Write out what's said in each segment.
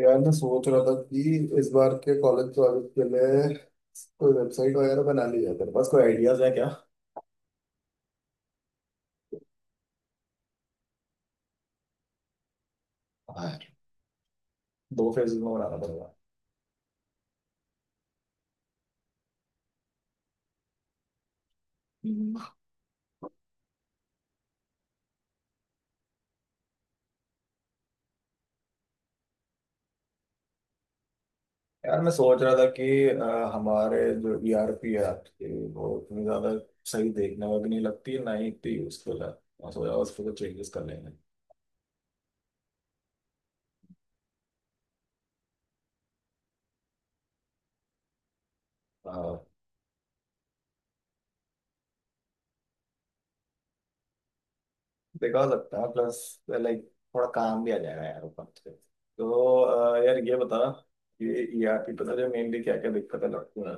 यार मैं सोच रहा था कि इस बार के कॉलेज प्रोजेक्ट के लिए कोई वेबसाइट वगैरह बना ली है तेरे पास? कोई आइडियाज है क्या? हाँ यार, दो फेज में बनाना पड़ेगा। यार मैं सोच रहा था कि हमारे जो ईआरपी है आपकी, वो इतनी ज्यादा सही देखने में भी नहीं लगती है, ना ही इतनी यूजफुल है। मैं सोचा उस पर कुछ चेंजेस कर लेंगे। अ, देखा जा सकता है, प्लस लाइक थोड़ा काम भी आ जाएगा यार ऊपर से। तो यार ये बता कि ईआरपी पे तुझे मेनली क्या क्या दिक्कतें लगती हैं?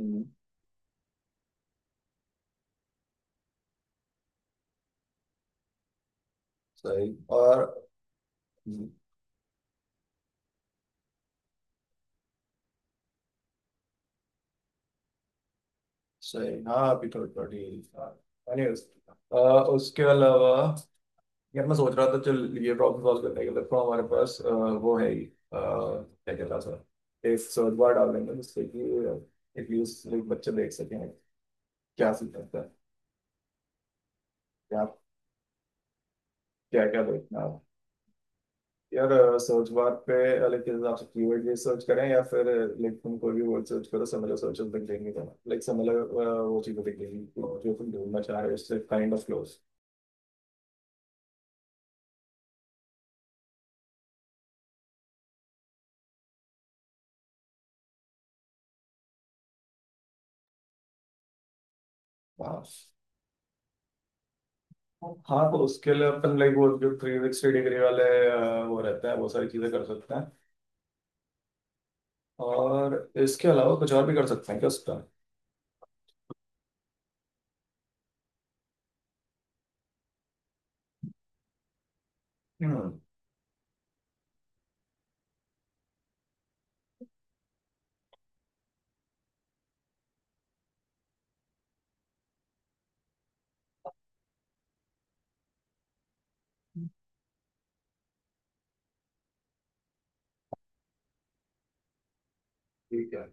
हम्म। सही। और। सही। हाँ, अभी तो थर्टी, एनीवेज। उसके अलावा यार मैं सोच रहा था, चल ये प्रॉब्लम सॉल्व करने के लिए तो हमारे पास वो है ही। क्या कहता है सर, एक सर्च बार डाल देंगे जिससे कि एटलीस्ट बच्चे देख सकें क्या सीख सकता है? क्या? क्या क्या देखना है यार सर्च बार पे? लाइक किस हिसाब से कीवर्ड ये सर्च करें, या फिर लाइक तुम कोई भी वर्ड सर्च करो सिमिलर सर्चेस दिख जाएंगे, लाइक सिमिलर वो चीज़ें दिख जाएंगी जो तुम ढूंढना चाह रहे हो उससे काइंड ऑफ क्लोज। हाँ। हाँ तो उसके लिए अपन लाइक वो जो थ्री सिक्सटी डिग्री वाले वो रहते हैं, वो सारी चीजें कर सकते हैं। और इसके अलावा कुछ और भी कर सकते हैं क्या उसका? हम्म। ठीक है।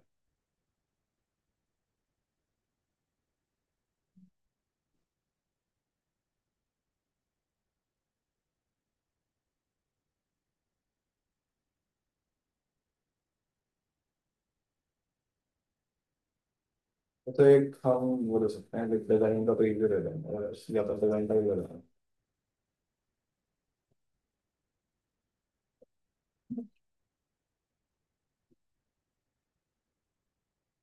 तो एक हम वो दे सकते हैं, एक डिजाइन का प्रीव्यू दे देंगे, अगर या तो डिजाइन का भी दे देंगे।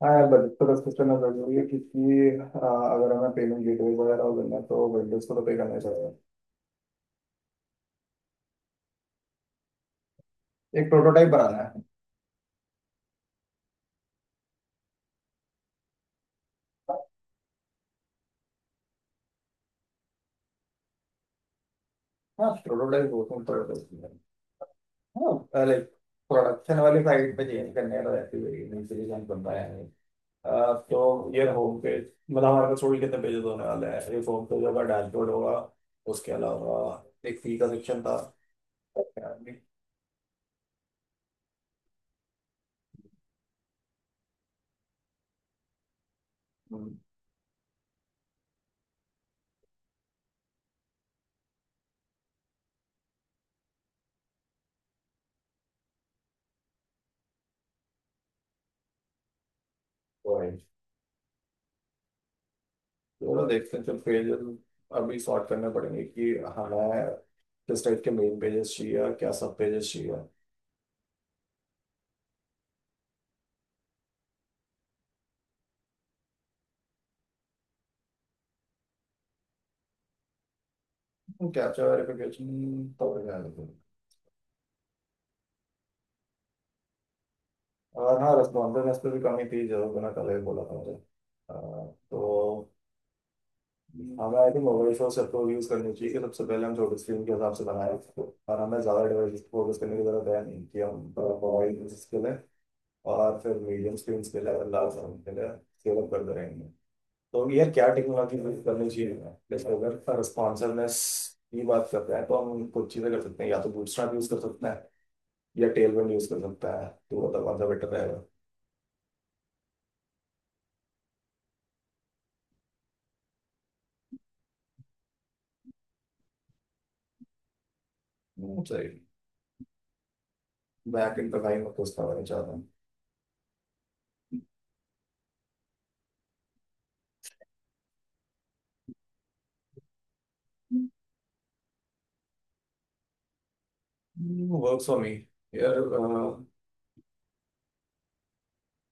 हाँ यार, बजट तो डिस्कस करना जरूरी है, क्योंकि अगर हमें पेमेंट गेटवे वगैरह हो करना है तो वेंडर्स को तो पे करना ही पड़ेगा। एक प्रोटोटाइप बनाना है। हाँ प्रोटोटाइप बोलते हैं prototype। हाँ लाइक प्रोडक्शन वाली साइड पे चेंज करने का रहती है नहीं, से डिजाइन बन रहा है। तो ये होम पेज, मतलब हमारे पास थोड़ी कितने पेजेस होने वाले हैं? एक होम पेज होगा, डैशबोर्ड होगा। उसके अलावा एक फी का सेक्शन था। हम्म। तो है। तो देखते हैं, जब पेजेस अभी सॉर्ट करने पड़ेंगे कि हमें किस टाइप के मेन पेजेस चाहिए, क्या सब पेजेस चाहिए। कैप्चर वेरिफिकेशन तो हो जाएगा। और हाँ, रेस्पॉन्सिवनेस पे भी कमी थी जरूर, बिना कल ही बोला था मुझे। तो हमें I think over resource approach use करनी चाहिए कि सबसे पहले हम छोटे स्क्रीन के हिसाब से बनाए, और हमें ज़्यादा डिवाइस फोकस करने की जरूरत है नहीं, कि हम मोबाइल यूज के लिए, और फिर मीडियम स्क्रीन के लिए, लार्ज स्क्रीन के लिए स्केल अप करते रहेंगे। तो यार क्या टेक्नोलॉजी यूज करनी चाहिए? जैसे अगर रिस्पॉन्सिवनेस की बात करते हैं तो हम कुछ चीज़ें कर सकते हैं, या तो बूटस्ट्रैप यूज कर सकते हैं, या टेलविंड यूज कर सकता है, तो वो तो कौन सा बेटर रहेगा? सही। बैक एंड का टाइम उसका चाहता हूँ। Work for me. यार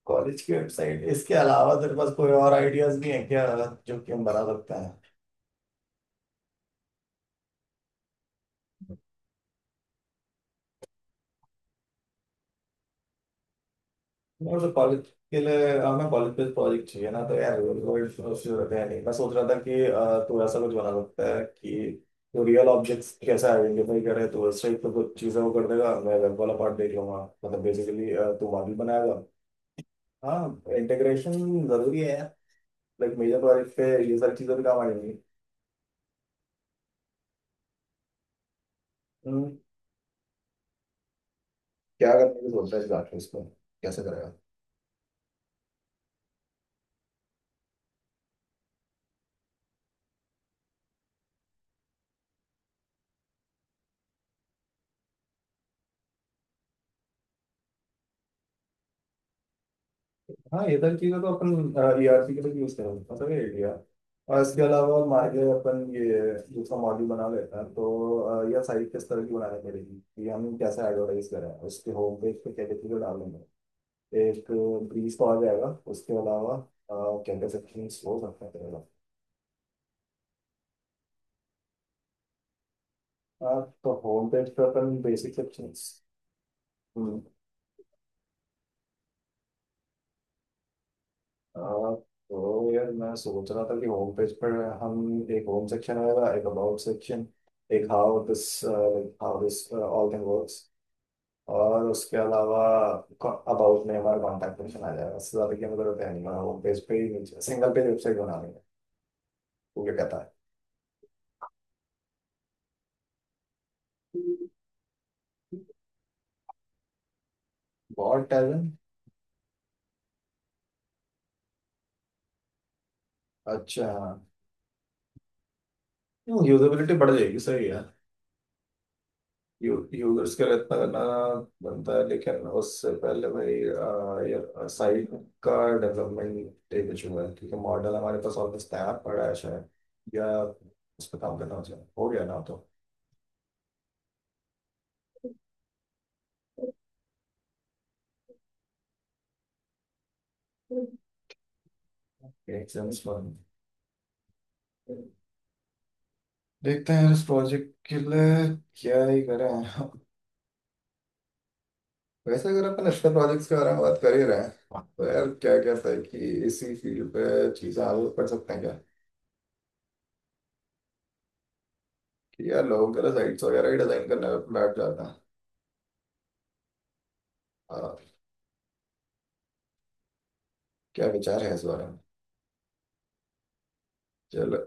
कॉलेज की वेबसाइट इसके अलावा तेरे पास कोई और आइडियाज भी हैं क्या जो कि हम बना सकते हैं? और तो कॉलेज के लिए हमें कॉलेज पे प्रोजेक्ट चाहिए ना, तो यार कोई जरूरत है नहीं। मैं सोच रहा था कि तू ऐसा कुछ बना सकता है कि जो रियल ऑब्जेक्ट्स कैसे आइडेंटिफाई करे, तो उस टाइप तो कुछ चीज़ें वो कर देगा, मैं वेब वाला पार्ट देख लूंगा। मतलब बेसिकली तू मॉडल बनाएगा। हाँ, इंटीग्रेशन जरूरी है यार। लाइक मेजर प्रोजेक्ट पे ये सारी चीज़ें भी काम आ जाएंगी। हम्म। क्या करने की सोच रहा है इस बात पे? इसको कैसे करेगा? हाँ ये सारी चीजें तो अपन ईआरसी के लिए यूज कर सकते हैं सब एरिया। और इसके अलावा और मार्गे अपन ये दूसरा मॉड्यूल बना लेते हैं तो यह साइट किस तरह की बनानी पड़ेगी कि हम कैसे एडवर्टाइज करें? उसके होम पेज पे क्या क्या चीजें डालेंगे? एक ब्रीज तो आ जाएगा। उसके अलावा क्या क्या सेक्शंस हो सकते हैं तेरे पास? अ, तो होम पेज पे अपन बेसिक सेक्शंस। हाँ तो यार मैं सोच रहा था कि होम पेज पर हम एक होम सेक्शन आएगा, एक अबाउट सेक्शन, एक how this, how this all thing works, और उसके अलावा अबाउट में हमारा कॉन्टैक्ट सेक्शन आ जाएगा। उससे ज्यादा की हमें जरूरत है नहीं। हमारा होम पेज पे ही सिंगल पेज वेबसाइट बना लेंगे, वो क्या कहता है? बहुत टैलेंट। अच्छा, हाँ। यूजेबिलिटी बढ़ जाएगी, सही है। यूजर्स के लिए इतना गाना बनता है, लेकिन उससे पहले भाई साइट का डेवलपमेंट एक इशू है, क्योंकि मॉडल हमारे पास ऑलमोस्ट तैयार पड़ा है शायद, या उस पर काम करना हो जाए, हो गया ना तो। एक सेंस बन, देखते हैं इस प्रोजेक्ट के लिए क्या ही करें। वैसे अगर अपन एक्स्ट्रा प्रोजेक्ट्स के बारे में बात कर ही रहे हैं तो यार क्या कहता है कि इसी फील्ड पे चीज़ें आगे बढ़ सकते हैं क्या? कि यार लोगों के लिए साइट्स वगैरह ही डिजाइन करने में बैठ जाता है। क्या विचार है इस बारे में? चलो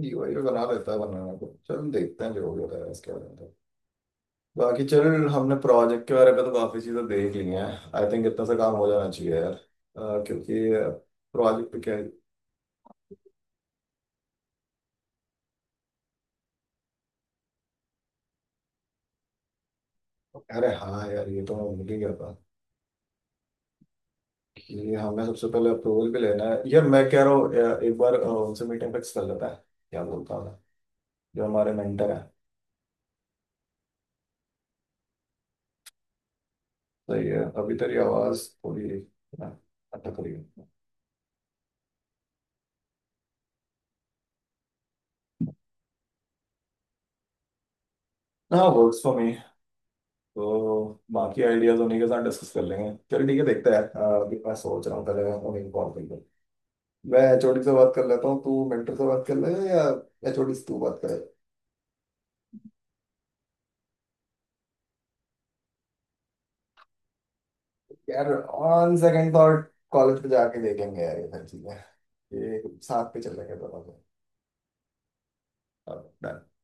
जीवाई बना लेता है, बनाना। तो चल, देखते हैं जो भी होता है इसके बारे में तो। बाकी चल, हमने प्रोजेक्ट के बारे में तो काफी चीजें देख ली हैं। आई थिंक इतना सा काम हो जाना चाहिए यार, क्योंकि प्रोजेक्ट क्या। अरे हाँ यार, ये तो मैं भूल ही गया था कि हमें सबसे पहले अप्रूवल भी लेना है। यार मैं कह रहा हूँ एक बार उनसे मीटिंग फिक्स कर लेता है, क्या बोलता हूँ मैं, जो हमारे मेंटर है। सही है, अभी तेरी आवाज थोड़ी अटक रही है। हाँ वर्क्स फॉर मी। तो बाकी आइडियाज उन्हीं के साथ डिस्कस कर लेंगे। चल ठीक है, देखते हैं। अभी मैं सोच रहा हूँ पहले मैं उन्हें कॉल करूँ। मैं एचओडी से बात कर लेता हूँ, तू मेंटर से बात कर ले, या एचओडी से तू बात करे। यार ऑन सेकंड थॉट, कॉलेज पे जाके देखेंगे यार ये सारी चीजें। ये साथ पे चलेंगे दोनों।